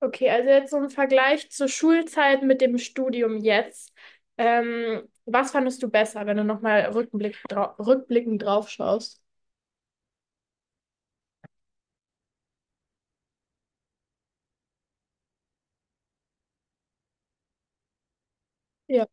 Okay, also jetzt so im Vergleich zur Schulzeit mit dem Studium jetzt. Was fandest du besser, wenn du nochmal rückblickend drauf schaust? Ja.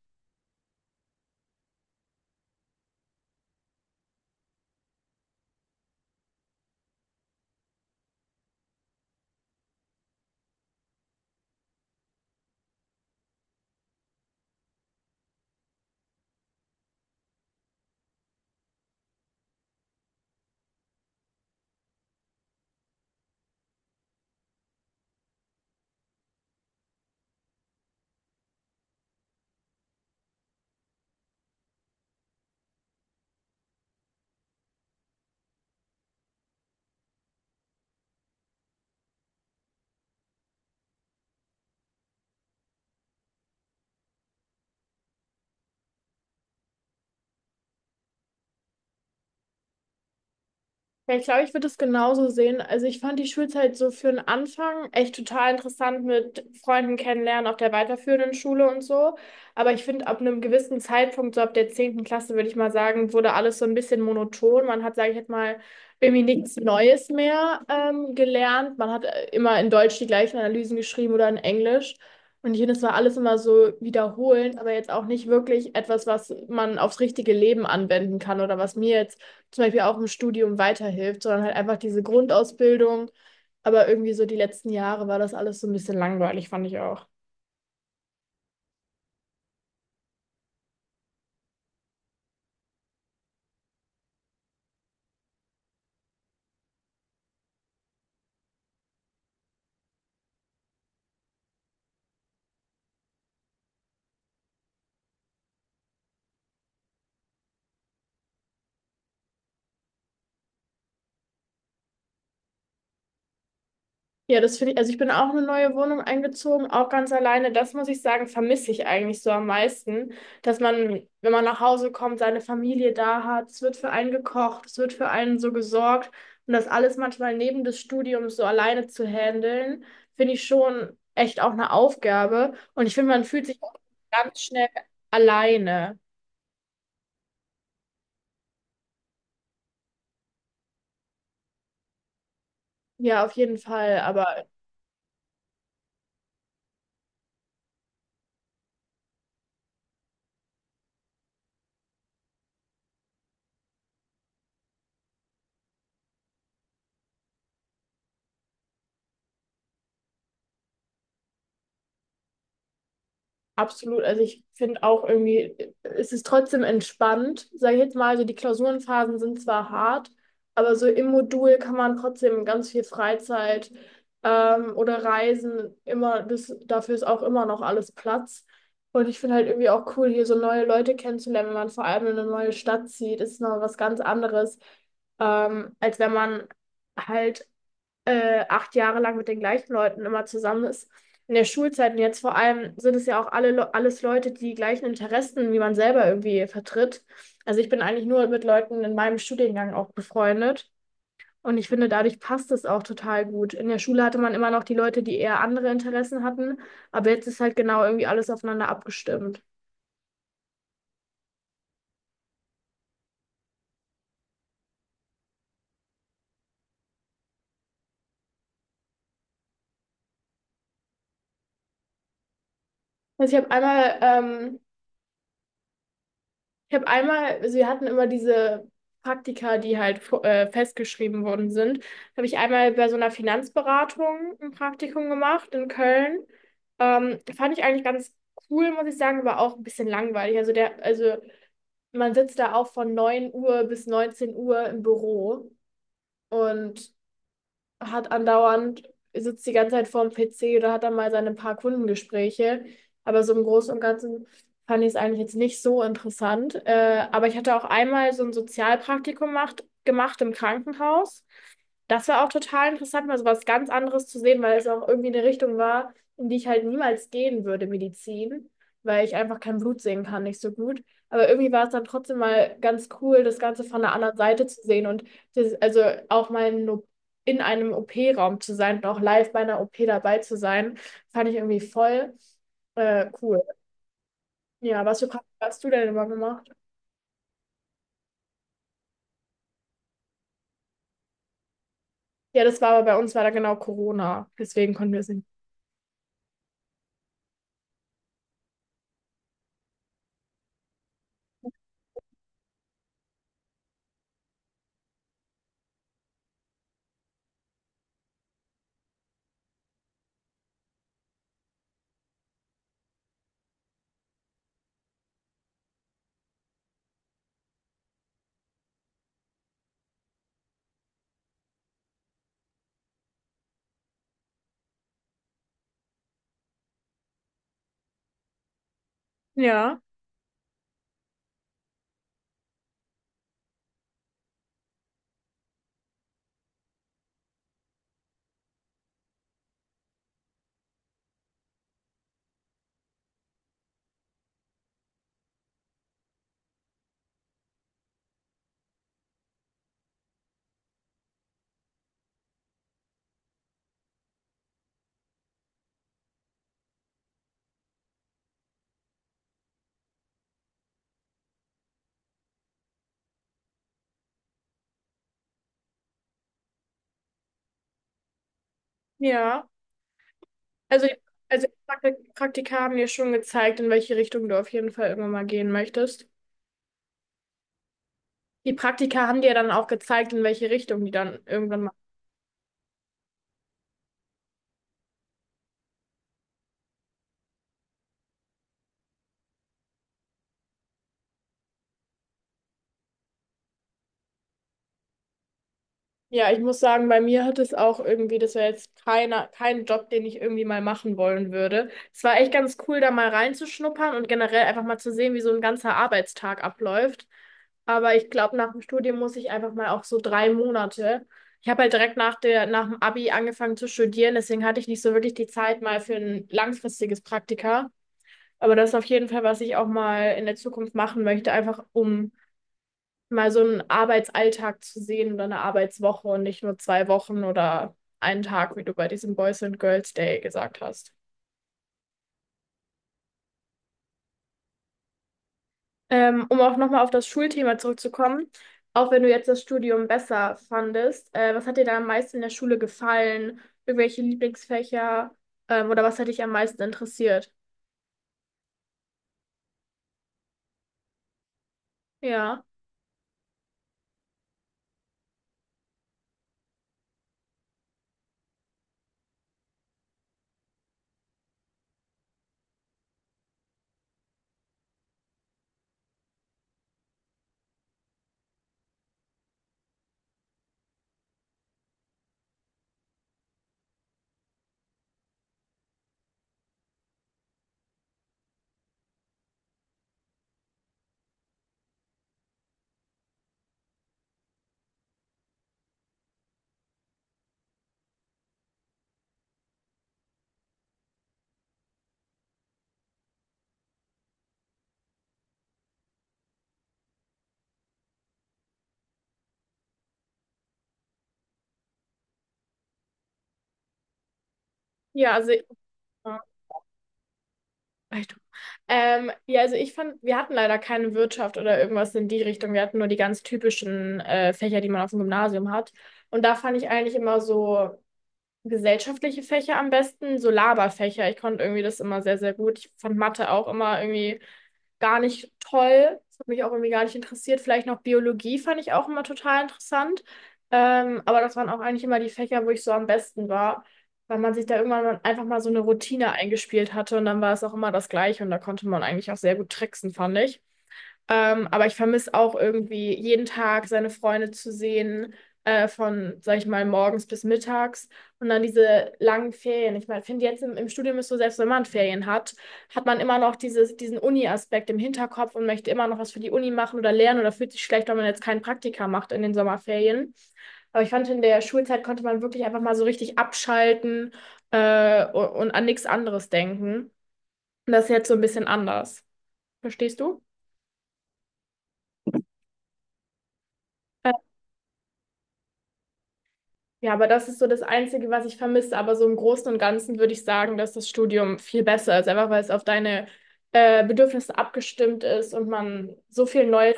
Ja, ich glaube, ich würde es genauso sehen. Also ich fand die Schulzeit so für den Anfang echt total interessant mit Freunden kennenlernen auf der weiterführenden Schule und so. Aber ich finde, ab einem gewissen Zeitpunkt, so ab der 10. Klasse, würde ich mal sagen, wurde alles so ein bisschen monoton. Man hat, sage ich jetzt mal, irgendwie nichts Neues mehr gelernt. Man hat immer in Deutsch die gleichen Analysen geschrieben oder in Englisch. Und ich finde, es war alles immer so wiederholend, aber jetzt auch nicht wirklich etwas, was man aufs richtige Leben anwenden kann oder was mir jetzt zum Beispiel auch im Studium weiterhilft, sondern halt einfach diese Grundausbildung. Aber irgendwie so die letzten Jahre war das alles so ein bisschen langweilig, fand ich auch. Ja, das finde ich, also ich bin auch in eine neue Wohnung eingezogen, auch ganz alleine. Das muss ich sagen, vermisse ich eigentlich so am meisten, dass man, wenn man nach Hause kommt, seine Familie da hat, es wird für einen gekocht, es wird für einen so gesorgt und das alles manchmal neben des Studiums so alleine zu handeln, finde ich schon echt auch eine Aufgabe und ich finde, man fühlt sich auch ganz schnell alleine. Ja, auf jeden Fall, aber absolut. Also ich finde auch irgendwie, es ist trotzdem entspannt, sage ich jetzt mal. Also die Klausurenphasen sind zwar hart, aber so im Modul kann man trotzdem ganz viel Freizeit oder Reisen immer, das, dafür ist auch immer noch alles Platz. Und ich finde halt irgendwie auch cool, hier so neue Leute kennenzulernen, wenn man vor allem in eine neue Stadt zieht, ist noch was ganz anderes, als wenn man halt acht Jahre lang mit den gleichen Leuten immer zusammen ist. In der Schulzeit und jetzt vor allem sind es ja auch alles Leute, die die gleichen Interessen wie man selber irgendwie vertritt. Also ich bin eigentlich nur mit Leuten in meinem Studiengang auch befreundet. Und ich finde, dadurch passt es auch total gut. In der Schule hatte man immer noch die Leute, die eher andere Interessen hatten, aber jetzt ist halt genau irgendwie alles aufeinander abgestimmt. Also ich habe einmal ähm, Ich habe einmal, also wir hatten immer diese Praktika, die halt festgeschrieben worden sind. Habe ich einmal bei so einer Finanzberatung ein Praktikum gemacht in Köln. Fand ich eigentlich ganz cool, muss ich sagen, aber auch ein bisschen langweilig. Also man sitzt da auch von 9 Uhr bis 19 Uhr im Büro und hat andauernd, sitzt die ganze Zeit vorm PC oder hat dann mal seine paar Kundengespräche. Aber so im Großen und Ganzen fand ich es eigentlich jetzt nicht so interessant. Aber ich hatte auch einmal so ein Sozialpraktikum gemacht im Krankenhaus. Das war auch total interessant, mal so was ganz anderes zu sehen, weil es auch irgendwie eine Richtung war, in die ich halt niemals gehen würde, Medizin, weil ich einfach kein Blut sehen kann, nicht so gut. Aber irgendwie war es dann trotzdem mal ganz cool, das Ganze von der anderen Seite zu sehen und also auch mal in einem OP-Raum zu sein und auch live bei einer OP dabei zu sein, fand ich irgendwie voll cool. Ja, was für Praktika hast du denn immer gemacht? Ja, das war aber bei uns war da genau Corona, deswegen konnten wir es nicht. Ja, ja. Also, also die Praktika haben dir schon gezeigt, in welche Richtung du auf jeden Fall immer mal gehen möchtest. Die Praktika haben dir dann auch gezeigt, in welche Richtung die dann irgendwann mal Ja, ich muss sagen, bei mir hat es auch irgendwie, das war jetzt kein Job, den ich irgendwie mal machen wollen würde. Es war echt ganz cool, da mal reinzuschnuppern und generell einfach mal zu sehen, wie so ein ganzer Arbeitstag abläuft. Aber ich glaube, nach dem Studium muss ich einfach mal auch so 3 Monate. Ich habe halt direkt nach dem Abi angefangen zu studieren, deswegen hatte ich nicht so wirklich die Zeit mal für ein langfristiges Praktika. Aber das ist auf jeden Fall, was ich auch mal in der Zukunft machen möchte, einfach um mal so einen Arbeitsalltag zu sehen oder eine Arbeitswoche und nicht nur 2 Wochen oder einen Tag, wie du bei diesem Boys and Girls Day gesagt hast. Um auch nochmal auf das Schulthema zurückzukommen, auch wenn du jetzt das Studium besser fandest, was hat dir da am meisten in der Schule gefallen? Irgendwelche Lieblingsfächer, oder was hat dich am meisten interessiert? Ja, ja, also. Ja. Echt? Ja, also ich fand, wir hatten leider keine Wirtschaft oder irgendwas in die Richtung. Wir hatten nur die ganz typischen Fächer, die man auf dem Gymnasium hat. Und da fand ich eigentlich immer so gesellschaftliche Fächer am besten, so Laberfächer. Ich konnte irgendwie das immer sehr, sehr gut. Ich fand Mathe auch immer irgendwie gar nicht toll. Das hat mich auch irgendwie gar nicht interessiert. Vielleicht noch Biologie fand ich auch immer total interessant. Aber das waren auch eigentlich immer die Fächer, wo ich so am besten war, weil man sich da irgendwann einfach mal so eine Routine eingespielt hatte und dann war es auch immer das Gleiche und da konnte man eigentlich auch sehr gut tricksen, fand ich. Aber ich vermisse auch irgendwie jeden Tag seine Freunde zu sehen, von, sag ich mal, morgens bis mittags und dann diese langen Ferien. Ich meine, finde jetzt im Studium ist so, selbst wenn man Ferien hat, hat man immer noch diesen Uni-Aspekt im Hinterkopf und möchte immer noch was für die Uni machen oder lernen oder fühlt sich schlecht, wenn man jetzt keinen Praktika macht in den Sommerferien. Aber ich fand, in der Schulzeit konnte man wirklich einfach mal so richtig abschalten, und an nichts anderes denken. Und das ist jetzt so ein bisschen anders. Verstehst du? Ja, aber das ist so das Einzige, was ich vermisse. Aber so im Großen und Ganzen würde ich sagen, dass das Studium viel besser ist, einfach weil es auf deine Bedürfnisse abgestimmt ist und man so viel Neues,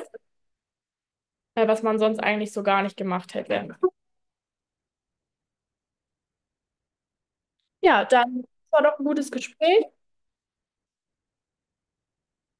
was man sonst eigentlich so gar nicht gemacht hätte. Ja, dann war doch ein gutes Gespräch.